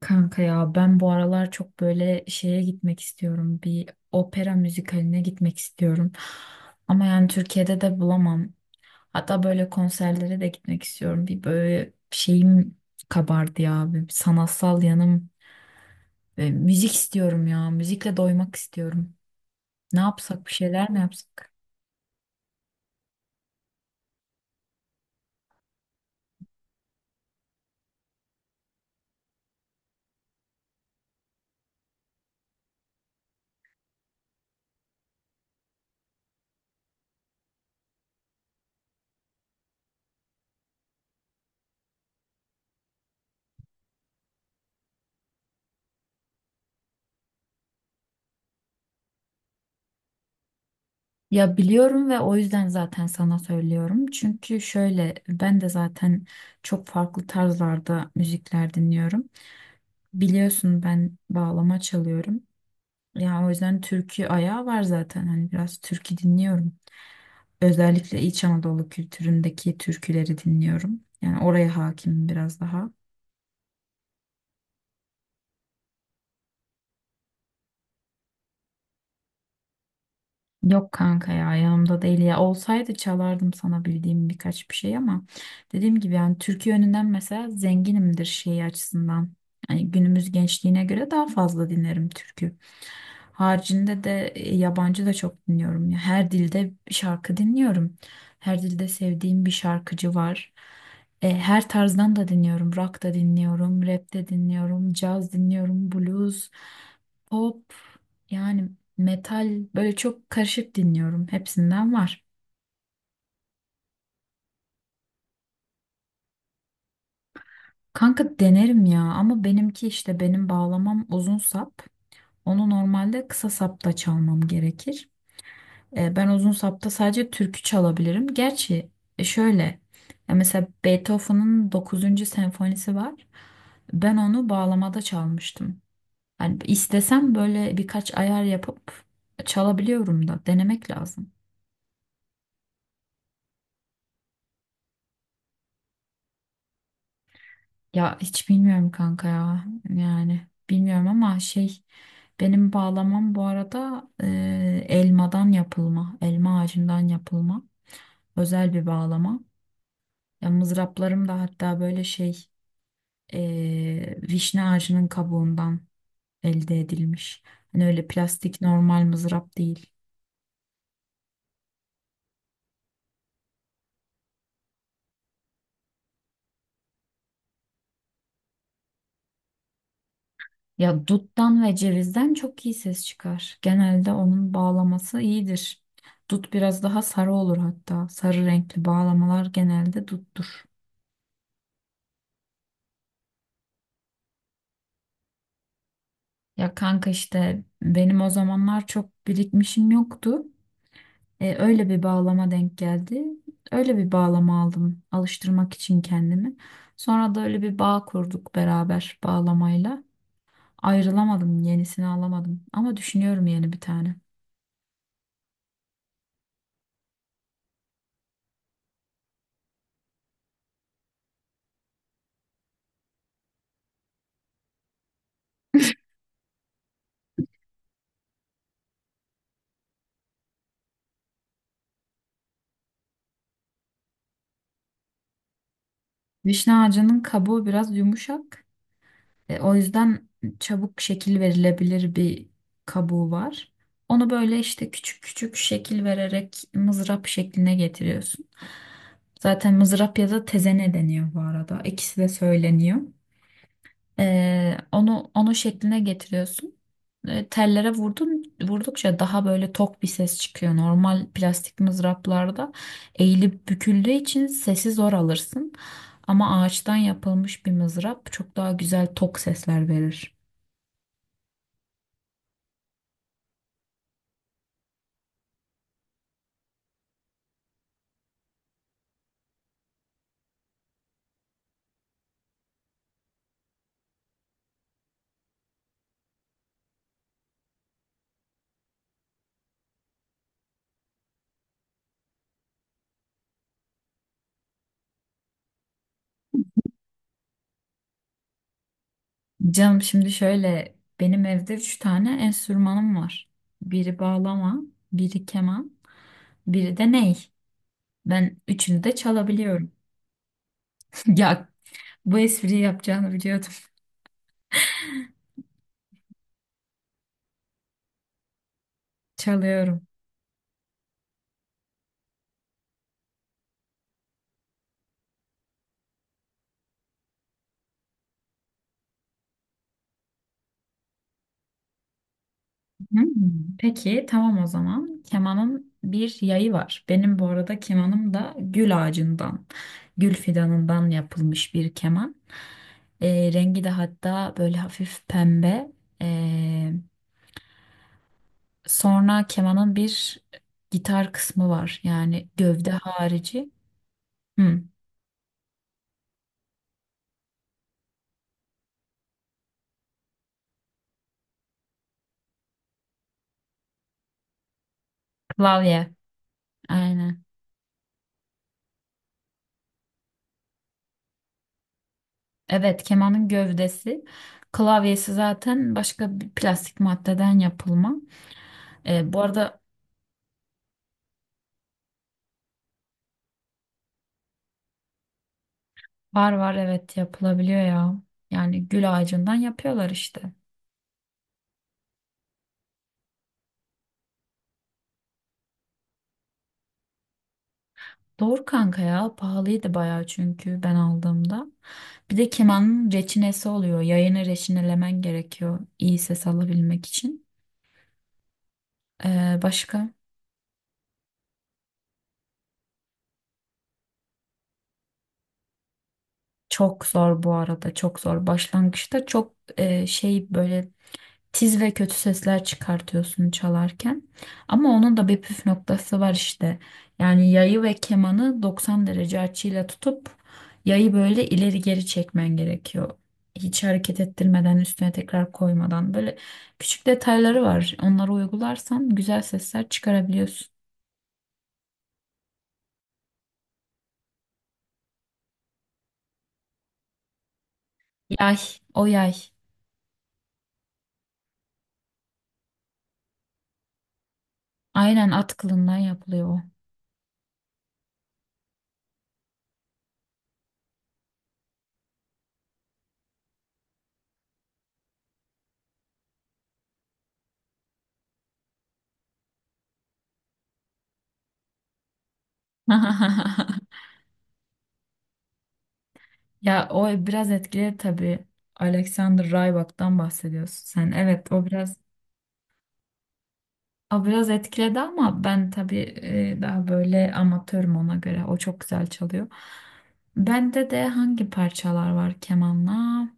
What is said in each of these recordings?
Kanka ya ben bu aralar çok böyle şeye gitmek istiyorum. Bir opera müzikaline gitmek istiyorum. Ama yani Türkiye'de de bulamam. Hatta böyle konserlere de gitmek istiyorum. Bir böyle şeyim kabardı ya. Bir sanatsal yanım. Ve müzik istiyorum ya. Müzikle doymak istiyorum. Ne yapsak bir şeyler mi yapsak? Ya biliyorum ve o yüzden zaten sana söylüyorum. Çünkü şöyle ben de zaten çok farklı tarzlarda müzikler dinliyorum. Biliyorsun ben bağlama çalıyorum. Ya o yüzden türkü ayağı var zaten. Hani biraz türkü dinliyorum. Özellikle İç Anadolu kültüründeki türküleri dinliyorum. Yani oraya hakimim biraz daha. Yok kanka ya yanımda değil ya olsaydı çalardım sana bildiğim birkaç bir şey ama dediğim gibi yani Türkiye yönünden mesela zenginimdir şey açısından. Yani günümüz gençliğine göre daha fazla dinlerim türkü. Haricinde de yabancı da çok dinliyorum ya. Her dilde bir şarkı dinliyorum. Her dilde sevdiğim bir şarkıcı var. Her tarzdan da dinliyorum. Rock da dinliyorum, rap de dinliyorum, caz dinliyorum, blues, pop, yani metal, böyle çok karışık dinliyorum. Hepsinden var. Kanka denerim ya ama benimki işte benim bağlamam uzun sap. Onu normalde kısa sapta çalmam gerekir. Ben uzun sapta sadece türkü çalabilirim. Gerçi e, şöyle mesela Beethoven'ın 9. senfonisi var. Ben onu bağlamada çalmıştım. Yani istesem böyle birkaç ayar yapıp çalabiliyorum da denemek lazım. Ya hiç bilmiyorum kanka ya. Yani bilmiyorum ama şey, benim bağlamam bu arada elmadan yapılma. Elma ağacından yapılma. Özel bir bağlama. Ya mızraplarım da hatta böyle şey, vişne ağacının kabuğundan elde edilmiş. Hani öyle plastik normal mızrap değil. Ya duttan ve cevizden çok iyi ses çıkar. Genelde onun bağlaması iyidir. Dut biraz daha sarı olur hatta. Sarı renkli bağlamalar genelde duttur. Ya kanka işte benim o zamanlar çok birikmişim yoktu. Öyle bir bağlama denk geldi. Öyle bir bağlama aldım alıştırmak için kendimi. Sonra da öyle bir bağ kurduk beraber bağlamayla. Ayrılamadım, yenisini alamadım ama düşünüyorum yeni bir tane. Vişne ağacının kabuğu biraz yumuşak. O yüzden çabuk şekil verilebilir bir kabuğu var. Onu böyle işte küçük küçük şekil vererek mızrap şekline getiriyorsun. Zaten mızrap ya da tezene deniyor bu arada. İkisi de söyleniyor. Onu şekline getiriyorsun. Tellere vurdun, vurdukça daha böyle tok bir ses çıkıyor. Normal plastik mızraplarda eğilip büküldüğü için sesi zor alırsın. Ama ağaçtan yapılmış bir mızrap çok daha güzel tok sesler verir. Canım şimdi şöyle, benim evde üç tane enstrümanım var. Biri bağlama, biri keman, biri de ney. Ben üçünü de çalabiliyorum. Ya bu espriyi yapacağını biliyordum. Çalıyorum. Hmm. Peki tamam o zaman. Kemanın bir yayı var. Benim bu arada kemanım da gül ağacından, gül fidanından yapılmış bir keman. Rengi de hatta böyle hafif pembe. Ee, sonra kemanın bir gitar kısmı var. Yani gövde harici. Hmm, klavye. Aynen. Evet, kemanın gövdesi. Klavyesi zaten başka bir plastik maddeden yapılma. Bu arada Var var, evet, yapılabiliyor ya. Yani gül ağacından yapıyorlar işte. Doğru kanka ya, pahalıydı bayağı çünkü ben aldığımda. Bir de kemanın reçinesi oluyor. Yayını reçinelemen gerekiyor iyi ses alabilmek için. Başka? Çok zor bu arada, çok zor. Başlangıçta çok şey, böyle tiz ve kötü sesler çıkartıyorsun çalarken. Ama onun da bir püf noktası var işte. Yani yayı ve kemanı 90 derece açıyla tutup yayı böyle ileri geri çekmen gerekiyor. Hiç hareket ettirmeden, üstüne tekrar koymadan, böyle küçük detayları var. Onları uygularsan güzel sesler çıkarabiliyorsun. Yay, o yay. Aynen, at kılından yapılıyor o. Ya o biraz etkili tabii. Alexander Rybak'tan bahsediyorsun sen. Evet o biraz. O biraz etkiledi ama ben tabii daha böyle amatörüm ona göre. O çok güzel çalıyor. Bende de hangi parçalar var kemanla?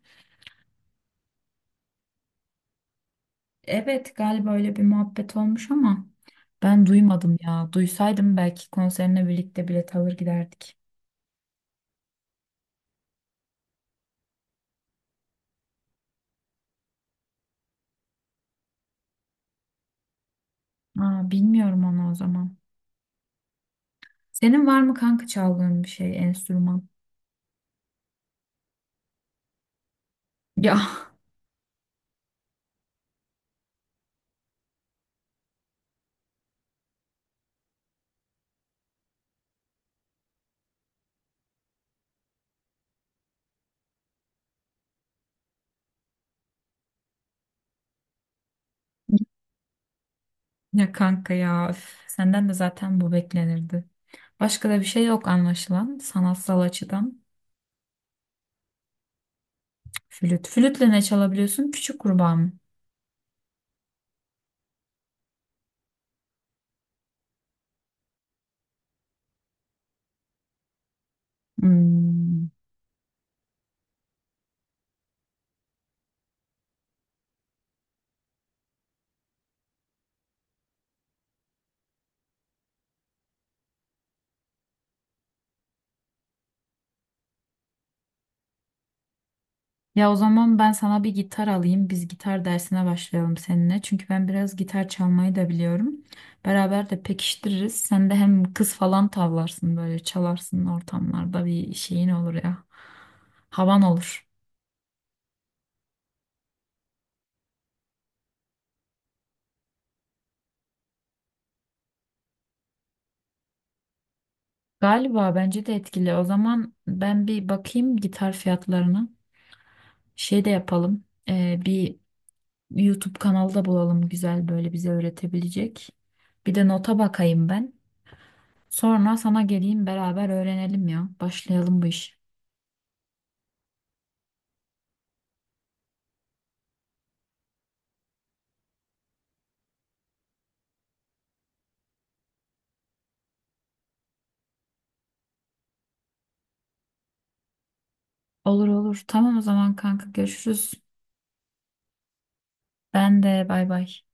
Evet galiba öyle bir muhabbet olmuş ama ben duymadım ya. Duysaydım belki konserine birlikte bilet alır giderdik. Aa, bilmiyorum onu o zaman. Senin var mı kanka çaldığın bir şey, enstrüman? Ya ya kanka ya, üf, senden de zaten bu beklenirdi. Başka da bir şey yok anlaşılan sanatsal açıdan. Flüt. Flütle ne çalabiliyorsun? Küçük kurbağa mı? Hmm. Ya o zaman ben sana bir gitar alayım. Biz gitar dersine başlayalım seninle. Çünkü ben biraz gitar çalmayı da biliyorum. Beraber de pekiştiririz. Sen de hem kız falan tavlarsın, böyle çalarsın ortamlarda, bir şeyin olur ya. Havan olur. Galiba bence de etkili. O zaman ben bir bakayım gitar fiyatlarına. Şey de yapalım. Bir YouTube kanalı da bulalım güzel böyle bize öğretebilecek. Bir de nota bakayım ben. Sonra sana geleyim, beraber öğrenelim ya. Başlayalım bu iş. Olur olur. Tamam o zaman kanka, görüşürüz. Ben de bay bay.